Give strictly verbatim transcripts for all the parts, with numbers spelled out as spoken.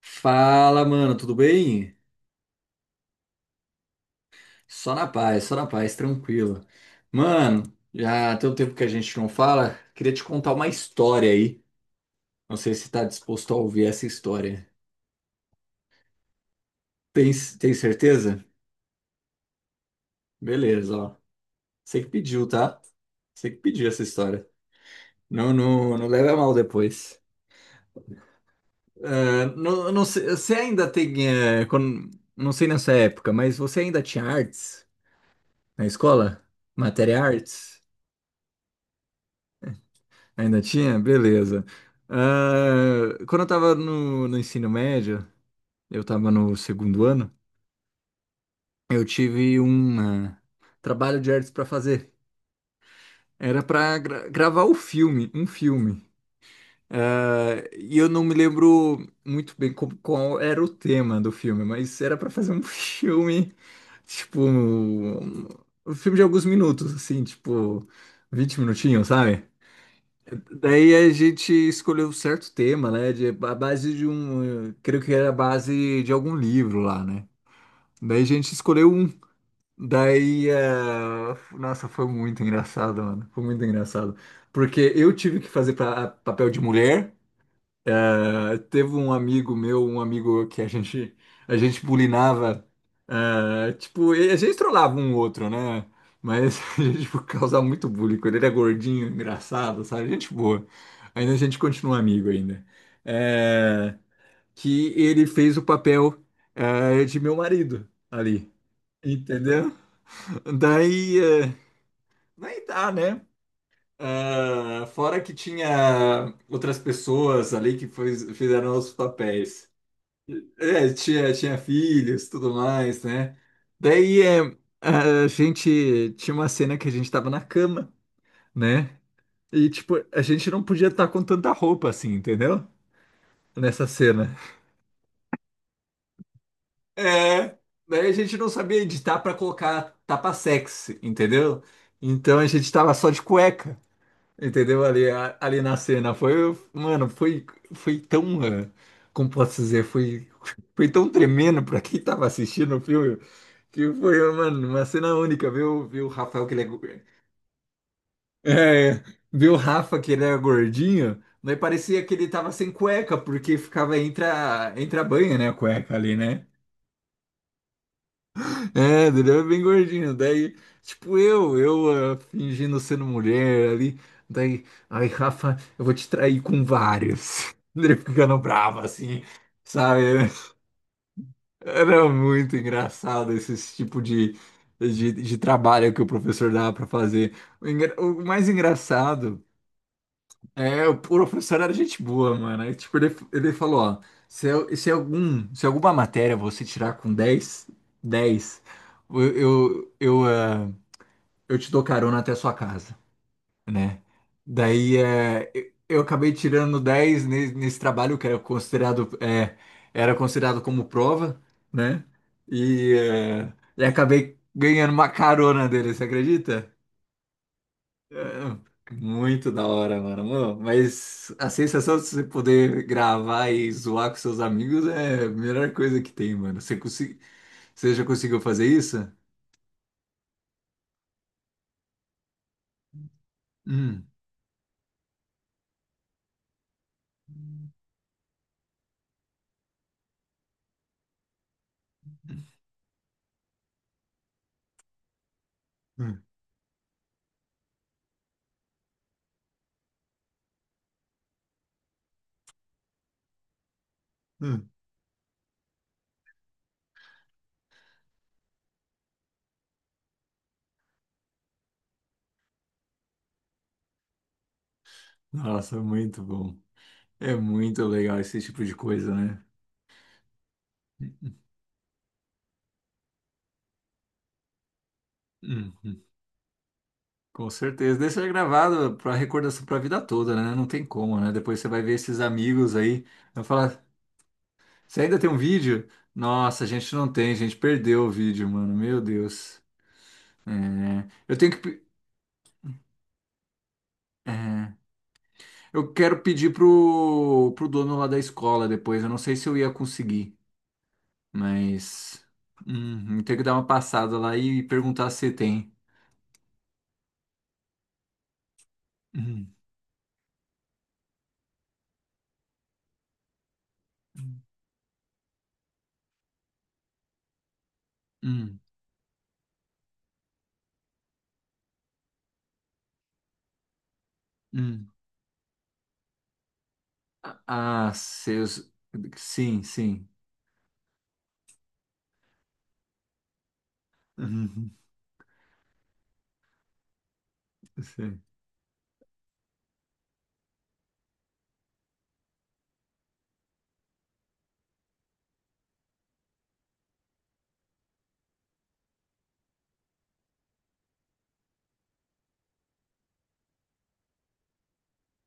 Fala, mano, tudo bem? Só na paz, só na paz, tranquilo. Mano, já tem um tempo que a gente não fala, queria te contar uma história aí. Não sei se tá disposto a ouvir essa história. Tem, tem certeza? Beleza, ó. Você que pediu, tá? Você que pediu essa história. Não, não, não leva a mal depois. Ah, não, não sei, você ainda tem, eh, quando- não sei nessa época, mas você ainda tinha artes na escola? Matéria artes? Ainda tinha? Beleza. Ah, quando eu tava no, no ensino médio, eu tava no segundo ano, eu tive um ah, trabalho de artes pra fazer. Era pra gra- gravar o filme, um filme. Ah, e eu não me lembro muito bem co- qual era o tema do filme, mas era pra fazer um filme, tipo, um, um filme de alguns minutos, assim, tipo, vinte minutinhos, sabe? Daí a gente escolheu um certo tema, né? De, a base de um. eh, Creio que era a base de algum livro lá, né? Daí a gente escolheu um. Daí. eh, Nossa, foi muito engraçado, mano. Foi muito engraçado. Porque eu tive que fazer pra, papel de mulher. Ah, teve um amigo meu, um amigo que a gente a gente bulinava, ah, tipo, e a gente trollava um outro, né? Mas a gente tipo, causava muito bullying. Com Ele Ele era gordinho, engraçado, sabe? Gente boa. Ainda a gente continua amigo ainda. É, que ele fez o papel, eh, de meu marido ali, entendeu? Daí, eh, daí dá, né? Ah, fora que tinha outras pessoas ali que fez- fizeram os papéis. É, tinha, tinha filhos, tudo mais, né? Daí é, a gente tinha uma cena que a gente tava na cama, né? E tipo, a gente não podia estar com tanta roupa assim, entendeu? Nessa cena. É, daí a gente não sabia editar pra colocar tapa sexy, entendeu? Então a gente tava só de cueca. Entendeu? Ali, a- ali na cena. Foi, mano, foi, foi tão. eh, Como posso dizer? Foi, foi tão tremendo pra quem tava assistindo o filme. Que foi, mano, uma cena única. Viu, viu o Rafael que ele é. go- É, viu o Rafa que ele era gordinho. Mas parecia que ele tava sem cueca, porque ficava entre a, entre a banha, né? A cueca ali, né? É, ele era bem gordinho. Daí, tipo, eu, eu ah, fingindo sendo mulher ali. Daí, ai, Rafa, eu vou te trair com vários. Ele ficando bravo assim, sabe? Era muito engraçado esse tipo de, de, de trabalho que o professor dava pra fazer. O, engra- o mais engraçado é o professor era gente boa, mano. Aí, tipo, ele, ele falou: ó, se, eu- se, algum, se alguma matéria você tirar com dez dez Eu, eu, eu, ah, eu te dou carona até a sua casa, né? Daí é, eu eu acabei tirando dez ne- nesse trabalho que era considerado, é, era considerado como prova, né? E, é, e acabei ganhando uma carona dele, você acredita? É, muito da hora, mano. Mano, mas a sensação de você poder gravar e zoar com seus amigos é a melhor coisa que tem, mano. Você, consi- você já conseguiu fazer isso? Hum, hum, hum. Nossa, muito bom. É muito legal esse tipo de coisa, né? Hum, com certeza. Deixa gravado para recordação para a vida toda, né? Não tem como, né? Depois você vai ver esses amigos aí, vai falar, você ainda tem um vídeo? Nossa, a gente não tem, a gente perdeu o vídeo, mano. Meu Deus. É, eu tenho que pe- é, eu quero pedir pro pro dono lá da escola depois. Eu não sei se eu ia conseguir, mas hum, tenho que dar uma passada lá e perguntar se tem. Hum, hum, hum. Ah, seus. Sim, sim. Uhum, sei.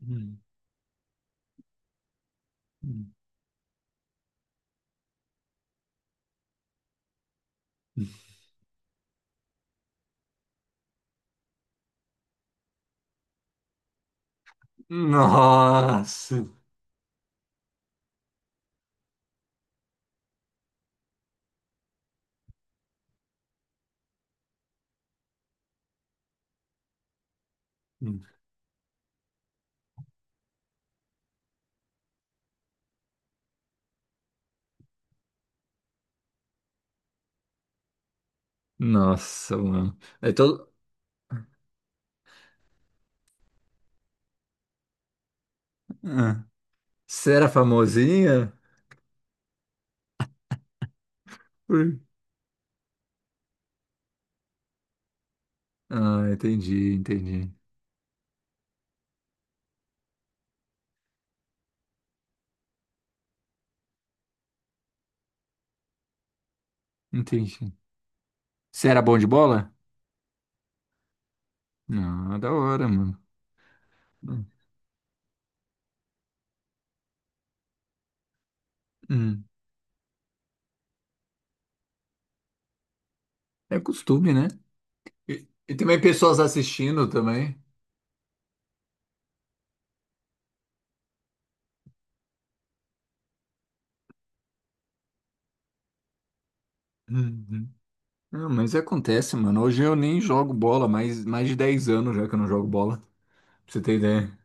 Hum, hum. Nossa! Hum. Nossa, mano. É todo... Ah, você era famosinha? Ui. Ah, entendi, entendi. Entendi. Você era bom de bola? Não, da hora, mano. Hum. Hum. É costume, né? E, e também pessoas assistindo também. Uhum. Não, mas acontece, mano. Hoje eu nem jogo bola, mas mais de dez anos já que eu não jogo bola. Pra Você tem ideia?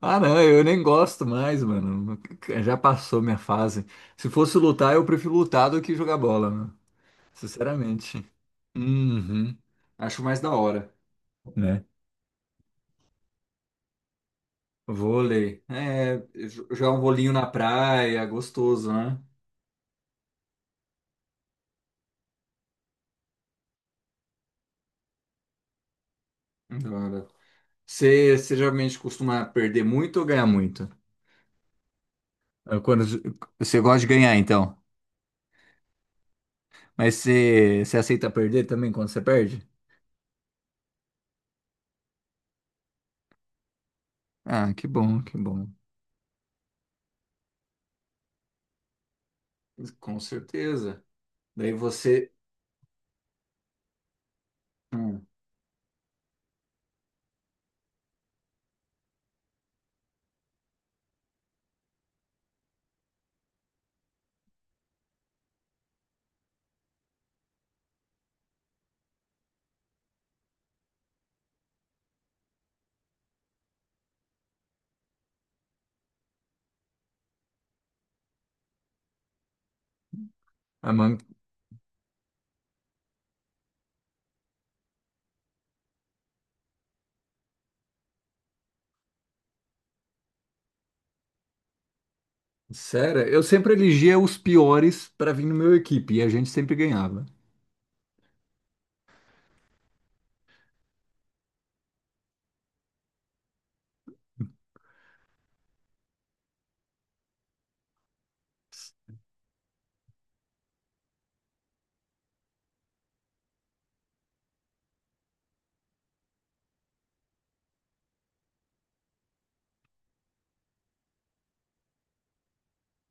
Ah, não, eu nem gosto mais, mano. Já passou minha fase. Se fosse lutar, eu prefiro lutar do que jogar bola, mano. Sinceramente. Uhum. Acho mais da hora, né? Vôlei. É, jo- jogar um bolinho na praia, gostoso, né? Da hora. Você, você geralmente costuma perder muito ou ganhar muito? É, quando você gosta de ganhar, então. Mas você, você aceita perder também quando você perde? Ah, que bom, que bom. Com certeza. Daí você. Hum. Ah, mano, sério, eu sempre elegia os piores pra vir no meu equipe e a gente sempre ganhava.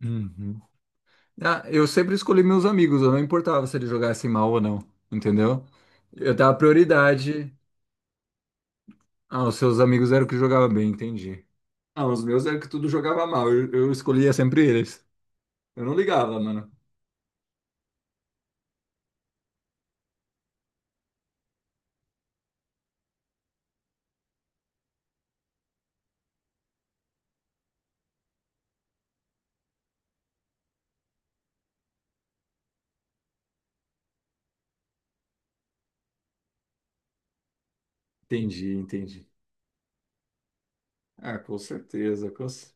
Uhum. Ah, eu sempre escolhi meus amigos, eu não importava se eles jogassem mal ou não, entendeu? Eu dava prioridade. Ah, os seus amigos eram que jogavam bem, entendi. Ah, os meus eram que tudo jogava mal, eu, eu escolhia sempre eles. Eu não ligava, mano. Entendi, entendi. Ah, com certeza. Com... cer-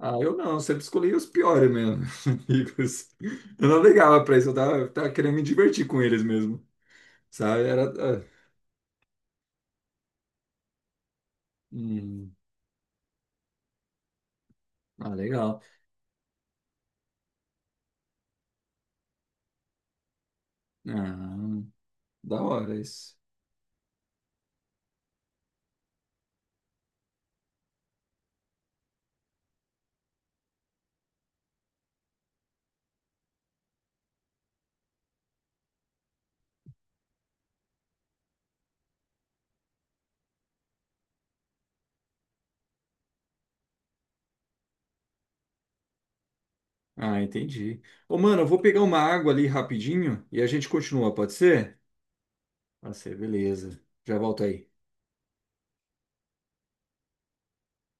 Ah, eu não, sempre escolhi os piores mesmo, amigos. Eu não ligava pra isso, eu tava, tava querendo me divertir com eles mesmo, sabe? Era. Ah, hum, ah, legal. Ah, da hora isso. Ah, entendi. Ô, mano, eu vou pegar uma água ali rapidinho e a gente continua, pode ser? Pode ser, beleza. Já volto aí.